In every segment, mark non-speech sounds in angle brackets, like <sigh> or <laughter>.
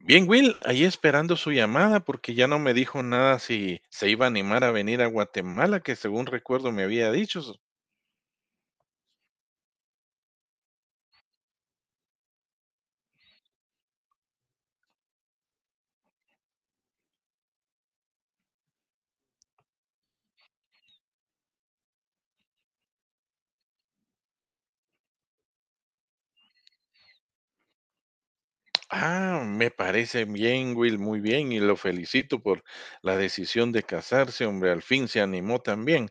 Bien, Will, ahí esperando su llamada porque ya no me dijo nada si se iba a animar a venir a Guatemala, que según recuerdo me había dicho. Ah, me parece bien, Will, muy bien, y lo felicito por la decisión de casarse, hombre, al fin se animó también.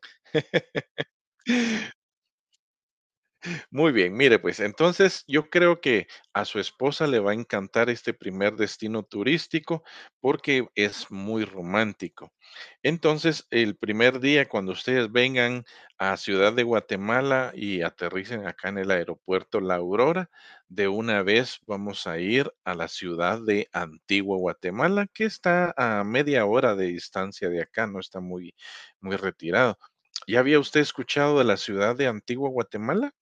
Muy bien, mire, pues entonces yo creo que a su esposa le va a encantar este primer destino turístico porque es muy romántico. Entonces, el primer día cuando ustedes vengan a Ciudad de Guatemala y aterricen acá en el aeropuerto La Aurora, de una vez vamos a ir a la ciudad de Antigua Guatemala, que está a media hora de distancia de acá, no está muy, muy retirado. ¿Ya había usted escuchado de la ciudad de Antigua Guatemala?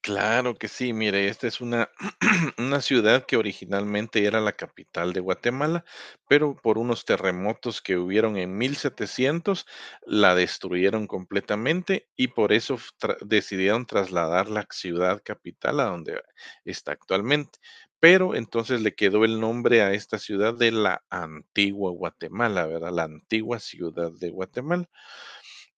Claro que sí, mire, esta es una, <clears throat> una ciudad que originalmente era la capital de Guatemala, pero por unos terremotos que hubieron en 1700 la destruyeron completamente y por eso decidieron trasladar la ciudad capital a donde está actualmente. Pero entonces le quedó el nombre a esta ciudad de la antigua Guatemala, ¿verdad? La antigua ciudad de Guatemala.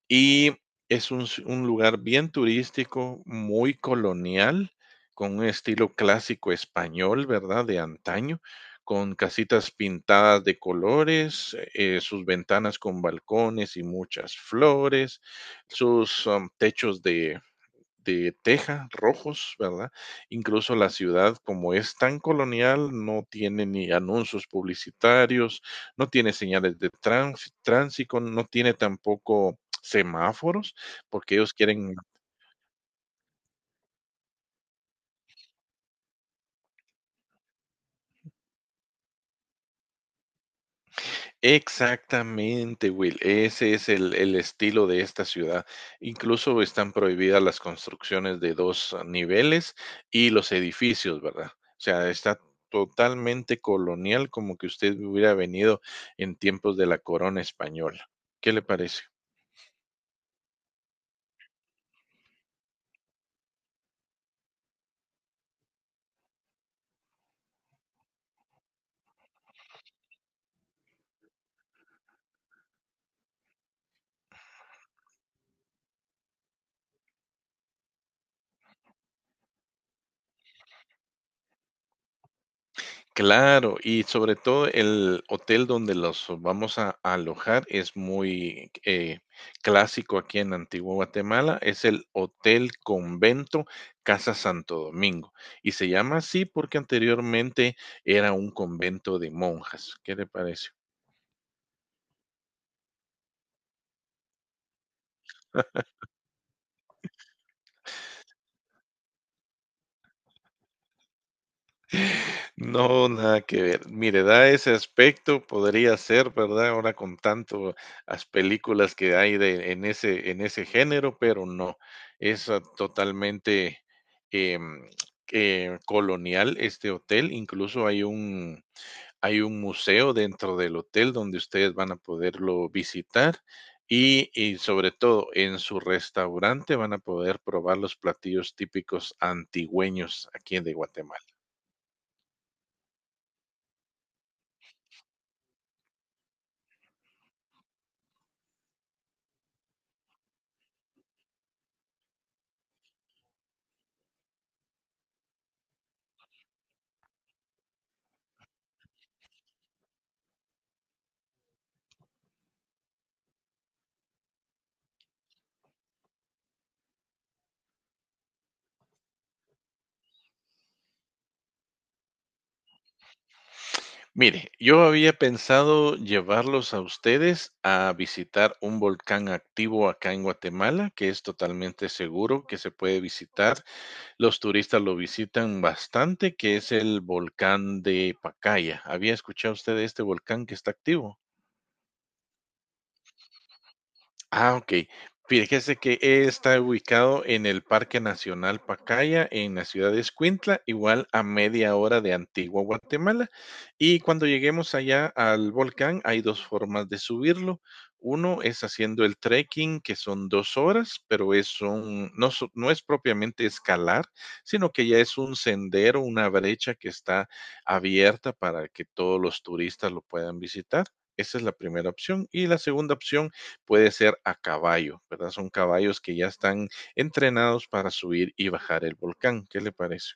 Y es un lugar bien turístico, muy colonial, con un estilo clásico español, ¿verdad? De antaño, con casitas pintadas de colores, sus ventanas con balcones y muchas flores, sus techos de teja rojos, ¿verdad? Incluso la ciudad, como es tan colonial, no tiene ni anuncios publicitarios, no tiene señales de tránsito, no tiene tampoco semáforos, porque ellos quieren. Exactamente, Will. Ese es el estilo de esta ciudad. Incluso están prohibidas las construcciones de dos niveles y los edificios, ¿verdad? O sea, está totalmente colonial, como que usted hubiera venido en tiempos de la corona española. ¿Qué le parece? Claro, y sobre todo el hotel donde los vamos a alojar es muy clásico aquí en Antigua Guatemala, es el Hotel Convento Casa Santo Domingo. Y se llama así porque anteriormente era un convento de monjas. ¿Qué te parece? No, nada que ver. Mire, da ese aspecto, podría ser, ¿verdad? Ahora con tanto las películas que hay en ese género, pero no. Es totalmente em, colonial este hotel. Incluso hay un museo dentro del hotel donde ustedes van a poderlo visitar. Y sobre todo en su restaurante van a poder probar los platillos típicos antigüeños aquí de Guatemala. Mire, yo había pensado llevarlos a ustedes a visitar un volcán activo acá en Guatemala, que es totalmente seguro, que se puede visitar. Los turistas lo visitan bastante, que es el volcán de Pacaya. ¿Había escuchado usted de este volcán que está activo? Ah, okey. Fíjese que está ubicado en el Parque Nacional Pacaya, en la ciudad de Escuintla, igual a media hora de Antigua Guatemala. Y cuando lleguemos allá al volcán, hay 2 formas de subirlo. Uno es haciendo el trekking, que son 2 horas, pero es un no so no es propiamente escalar, sino que ya es un sendero, una brecha que está abierta para que todos los turistas lo puedan visitar. Esa es la primera opción. Y la segunda opción puede ser a caballo, ¿verdad? Son caballos que ya están entrenados para subir y bajar el volcán. ¿Qué le parece?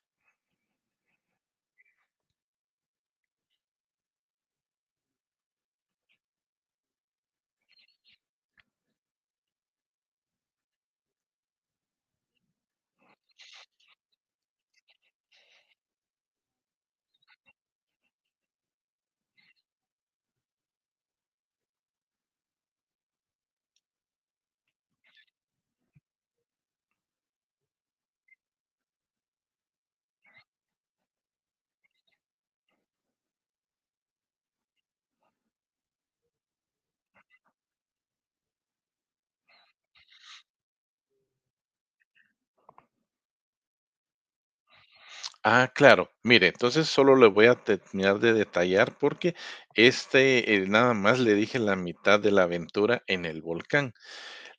Ah, claro. Mire, entonces solo le voy a terminar de detallar porque este nada más le dije la mitad de la aventura en el volcán.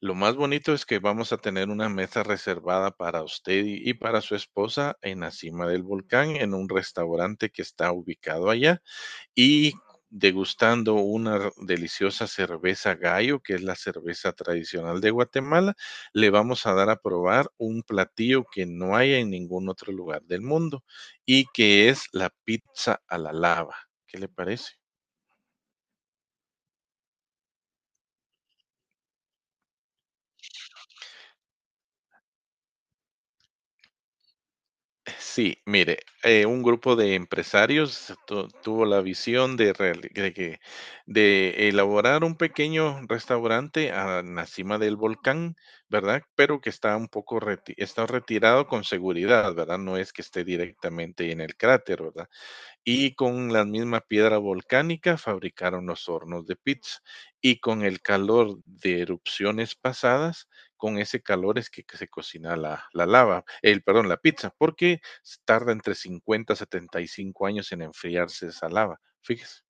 Lo más bonito es que vamos a tener una mesa reservada para usted y para su esposa en la cima del volcán en un restaurante que está ubicado allá. Y degustando una deliciosa cerveza gallo, que es la cerveza tradicional de Guatemala, le vamos a dar a probar un platillo que no hay en ningún otro lugar del mundo y que es la pizza a la lava. ¿Qué le parece? Sí, mire, un grupo de empresarios tuvo la visión de, reali- de que- de elaborar un pequeño restaurante a la cima del volcán, ¿verdad? Pero que está un poco está retirado con seguridad, ¿verdad? No es que esté directamente en el cráter, ¿verdad? Y con la misma piedra volcánica fabricaron los hornos de pizza. Y con el calor de erupciones pasadas, con ese calor es que se cocina la lava, el, perdón, la pizza, porque tarda entre 50 a 75 años en enfriarse esa lava. Fíjese.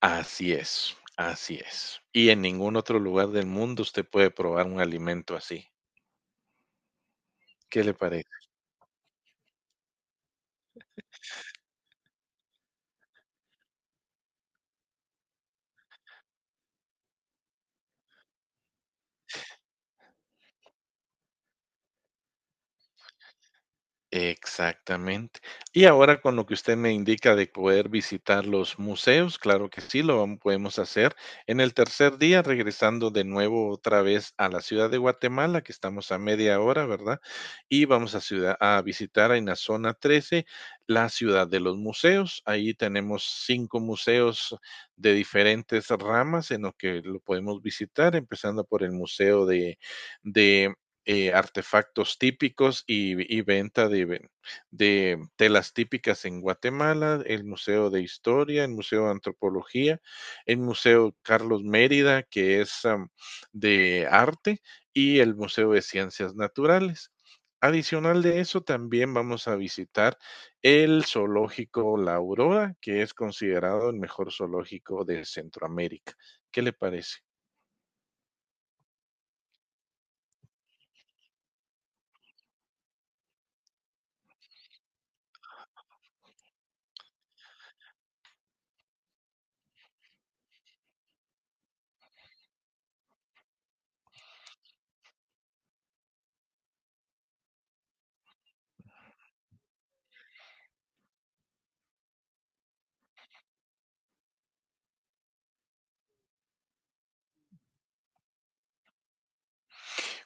Así es, así es. Y en ningún otro lugar del mundo usted puede probar un alimento así. ¿Qué le parece? Exactamente. Y ahora con lo que usted me indica de poder visitar los museos, claro que sí, podemos hacer. En el tercer día, regresando de nuevo otra vez a la ciudad de Guatemala, que estamos a media hora, ¿verdad? Y vamos a visitar en la zona 13 la ciudad de los museos. Ahí tenemos cinco museos de diferentes ramas en los que lo podemos visitar, empezando por el Museo de artefactos típicos y venta de telas típicas en Guatemala, el Museo de Historia, el Museo de Antropología, el Museo Carlos Mérida, que es de arte, y el Museo de Ciencias Naturales. Adicional de eso, también vamos a visitar el zoológico La Aurora, que es considerado el mejor zoológico de Centroamérica. ¿Qué le parece?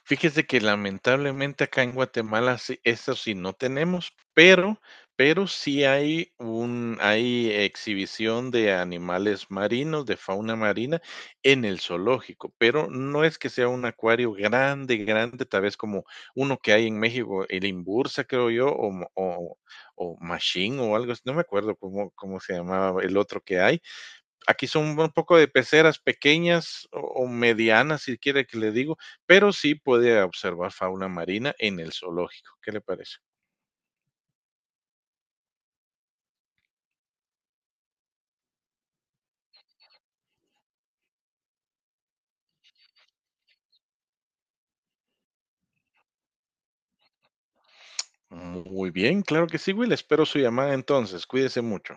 Fíjese que lamentablemente acá en Guatemala sí, eso sí no tenemos, pero sí hay exhibición de animales marinos, de fauna marina en el zoológico, pero no es que sea un acuario grande, grande, tal vez como uno que hay en México, el Imbursa, creo yo, o Machín o algo así, no me acuerdo cómo se llamaba el otro que hay, aquí son un poco de peceras pequeñas o, medianas, si quiere que le digo, pero sí puede observar fauna marina en el zoológico. ¿Qué le parece? Muy bien, claro que sí, Will. Espero su llamada entonces. Cuídese mucho.